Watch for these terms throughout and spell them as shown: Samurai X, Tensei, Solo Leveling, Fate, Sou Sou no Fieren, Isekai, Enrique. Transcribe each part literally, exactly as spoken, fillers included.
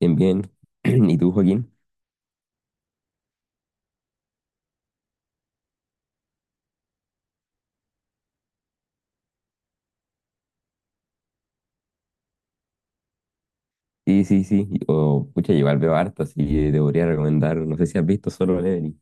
Bien, bien. ¿Y tú, Joaquín? Sí, sí, sí. O, pucha, igual veo harto, así que te podría recomendar. No sé si has visto Solo Leveling.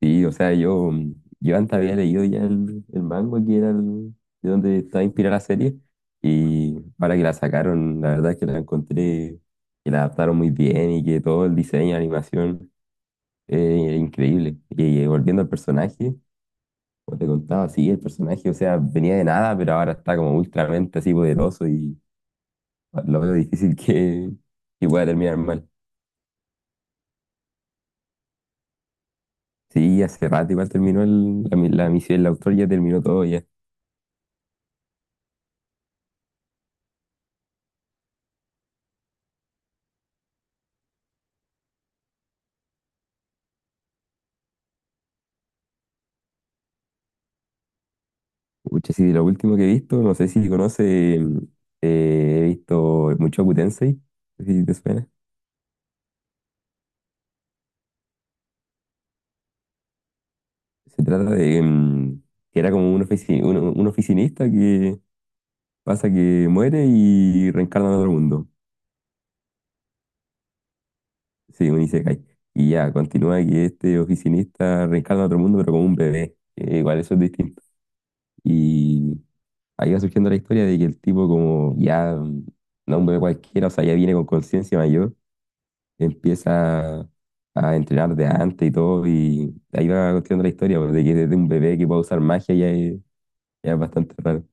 Sí, o sea, yo, mm, yo antes había leído ya el, el manga que era el- de donde está inspirada la serie. Y ahora que la sacaron, la verdad es que la encontré, que la adaptaron muy bien y que todo el diseño, la animación, es increíble. Y, eh, volviendo al personaje, como te contaba, sí, el personaje, o sea, venía de nada, pero ahora está como ultramente así poderoso y lo veo difícil que, que pueda terminar mal. Sí, hace rato igual terminó el- la, mi- la misión, el autor ya terminó todo ya. Pucha, sí, de lo último que he visto, no sé si conoce, mm, eh, he visto mucho Tensei, no sé si te suena. Se trata de mm, que era como un, ofici- un, un oficinista que pasa que muere y reencarna en otro mundo. Sí, un Isekai. Y ya, continúa que este oficinista reencarna en otro mundo, pero como un bebé. Eh, igual eso es distinto. Ahí va surgiendo la historia de que el tipo como ya, mm, no un bebé cualquiera, o sea, ya viene con conciencia mayor, empieza a entrenar de antes y todo, y ahí va contando la historia, pues, de que desde un bebé que puede usar magia ya es, ya es bastante raro.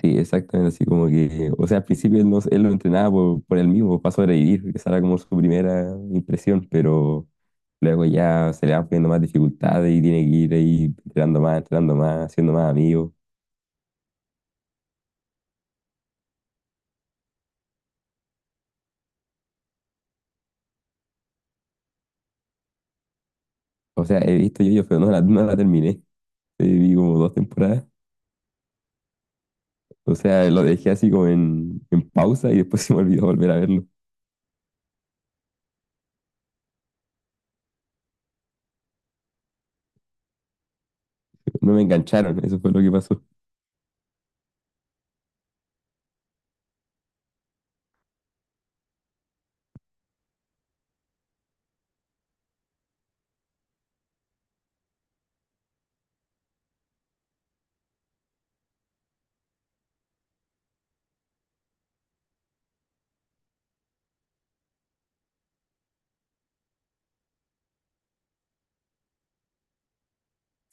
Sí, exactamente, así como que, o sea, al principio él, no, él lo entrenaba por, por él mismo, para sobrevivir, que esa era como su primera impresión, pero luego ya se le van poniendo más dificultades y tiene que ir ahí entrenando más, entrenando más, haciendo más amigos. O sea, he visto yo, yo, pero no la, no la terminé. Eh, vi como dos temporadas. O sea, lo dejé así como en, en pausa y después se me olvidó volver a verlo. No me engancharon, eso fue lo que pasó.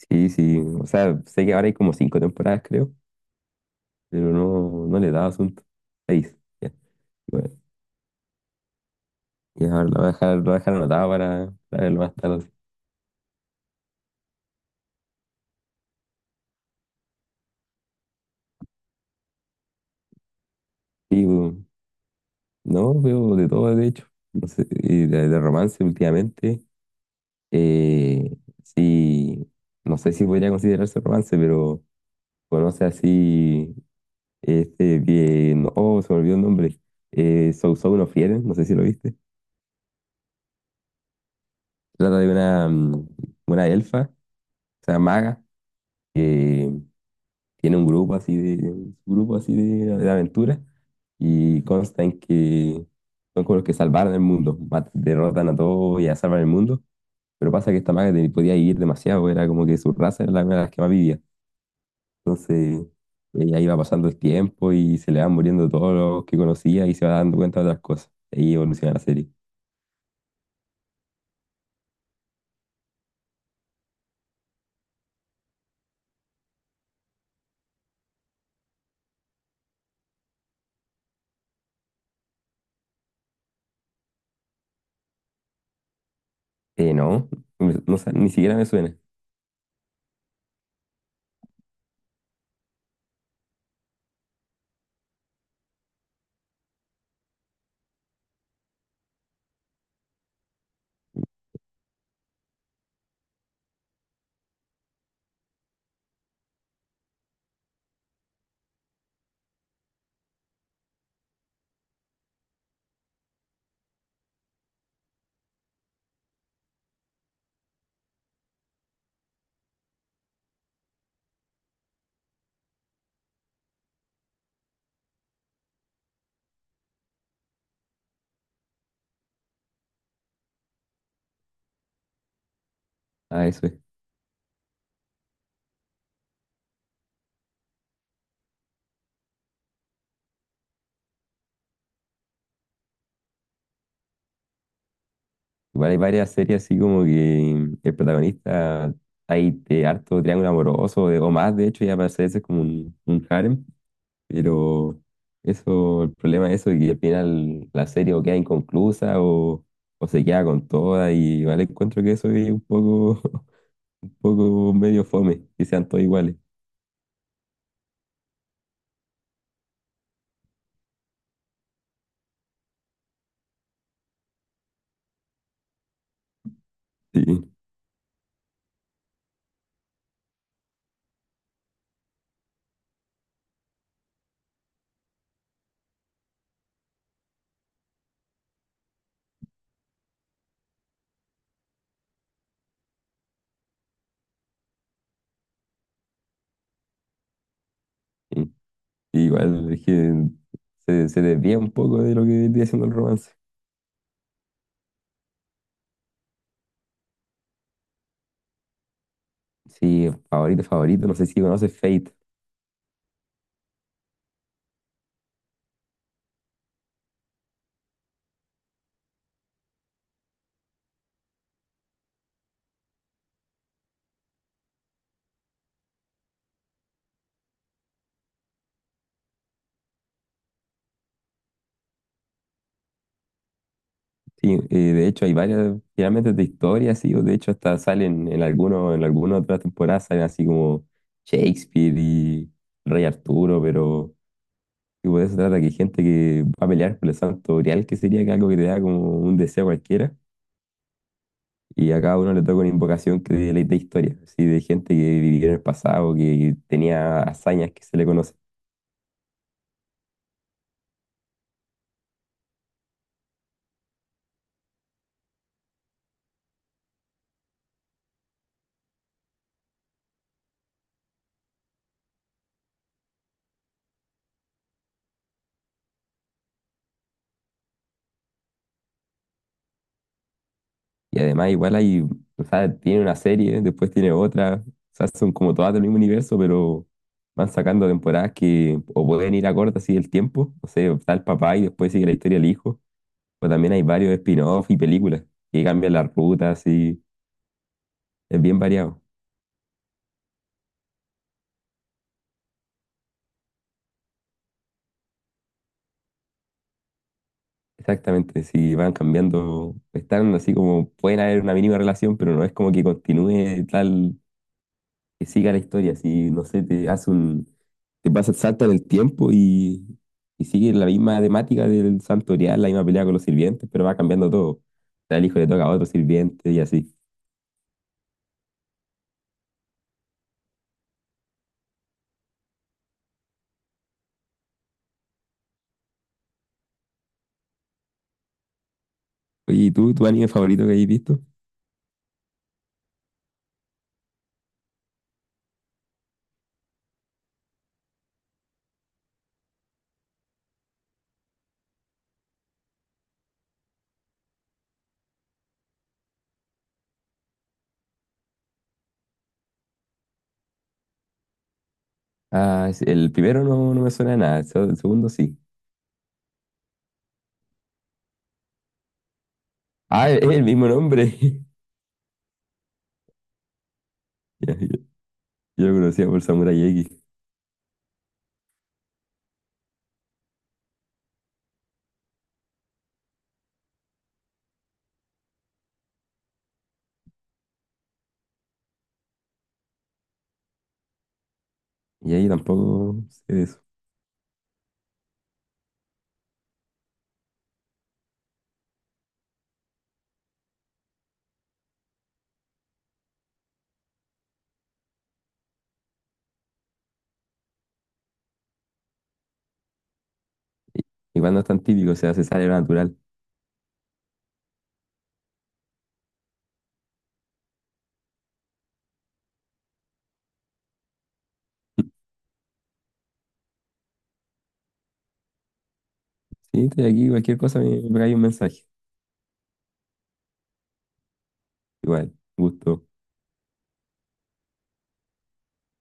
Sí, sí. O sea, sé que ahora hay como cinco temporadas, creo, pero no, no le daba asunto. Seis. Ya. Bueno, y ahora lo voy a dejar, lo voy a dejar anotado para, para verlo más tarde. Sí, pues, no, veo de todo, de hecho. No sé, y de, de romance últimamente. Eh, sí, no sé si podría considerarse romance, pero conoce así. Este, bien, oh, se me olvidó el nombre. Eh, Sou Sou no Fieren, no sé si lo viste. Trata de una, mm, una elfa, o sea, maga, que tiene un grupo así de, un grupo así de, de aventura y consta en que son como los que salvaron el mundo, mat- derrotan a todos y ya salvan el mundo. Pero pasa que esta maga te- podía vivir demasiado, era como que su raza era la una de las que más vivía. Entonces, ella iba pasando el tiempo y se le van muriendo todos los que conocía y se va dando cuenta de otras cosas. Ahí evoluciona la serie. Eh, no, me- no, sé, ni siquiera me suena a eso. Es. Igual hay varias series así como que el protagonista hay de harto triángulo amoroso de- o más, de hecho, ya parece ese es como un, un harem, pero eso, el problema de eso es que al final la serie o queda inconclusa o, o se queda con toda y igual encuentro que eso es un poco, un poco medio fome, que sean todos iguales. Sí, sí. Igual es que se, se desvía un poco de lo que viene siendo el romance. Sí, favorito, favorito. No sé si conoces Fate. Sí, eh, de hecho hay varias, finalmente de historias, sí, o de hecho hasta salen en alguno, en alguna otra temporada salen así como Shakespeare y Rey Arturo, pero tipo, de eso trata que hay gente que va a pelear por el santo grial, que sería que algo que te da como un deseo cualquiera, y a cada uno le toca una invocación que de, de historia, así de gente que vivió en el pasado, que tenía hazañas que se le conocen. Y además igual hay, o sea, tiene una serie, después tiene otra, o sea, son como todas del mismo universo, pero van sacando temporadas que o pueden ir acorde así el tiempo, no sé, está el papá y después sigue la historia del hijo, o también hay varios spin-off y películas que cambian las rutas y es bien variado. Exactamente, si van cambiando, están así como, pueden haber una mínima relación, pero no es como que continúe tal, que siga la historia, si no sé, te hace un, te pasa el salto en el tiempo y, y sigue la misma temática del santorial, la misma pelea con los sirvientes, pero va cambiando todo. O sea, el hijo le toca a otro sirviente y así. Oye, ¿y tú, tu anime favorito que hayas visto? Ah, es- el primero no, no me suena a nada, el se- el segundo sí. Ah, es el mismo nombre. Ya, ya, yo lo conocía por Samurai X. Y ahí tampoco sé de eso. Igual no es tan típico, o sea, se sale lo natural. Sí, estoy aquí, cualquier cosa me, me cae un mensaje. Igual, gusto.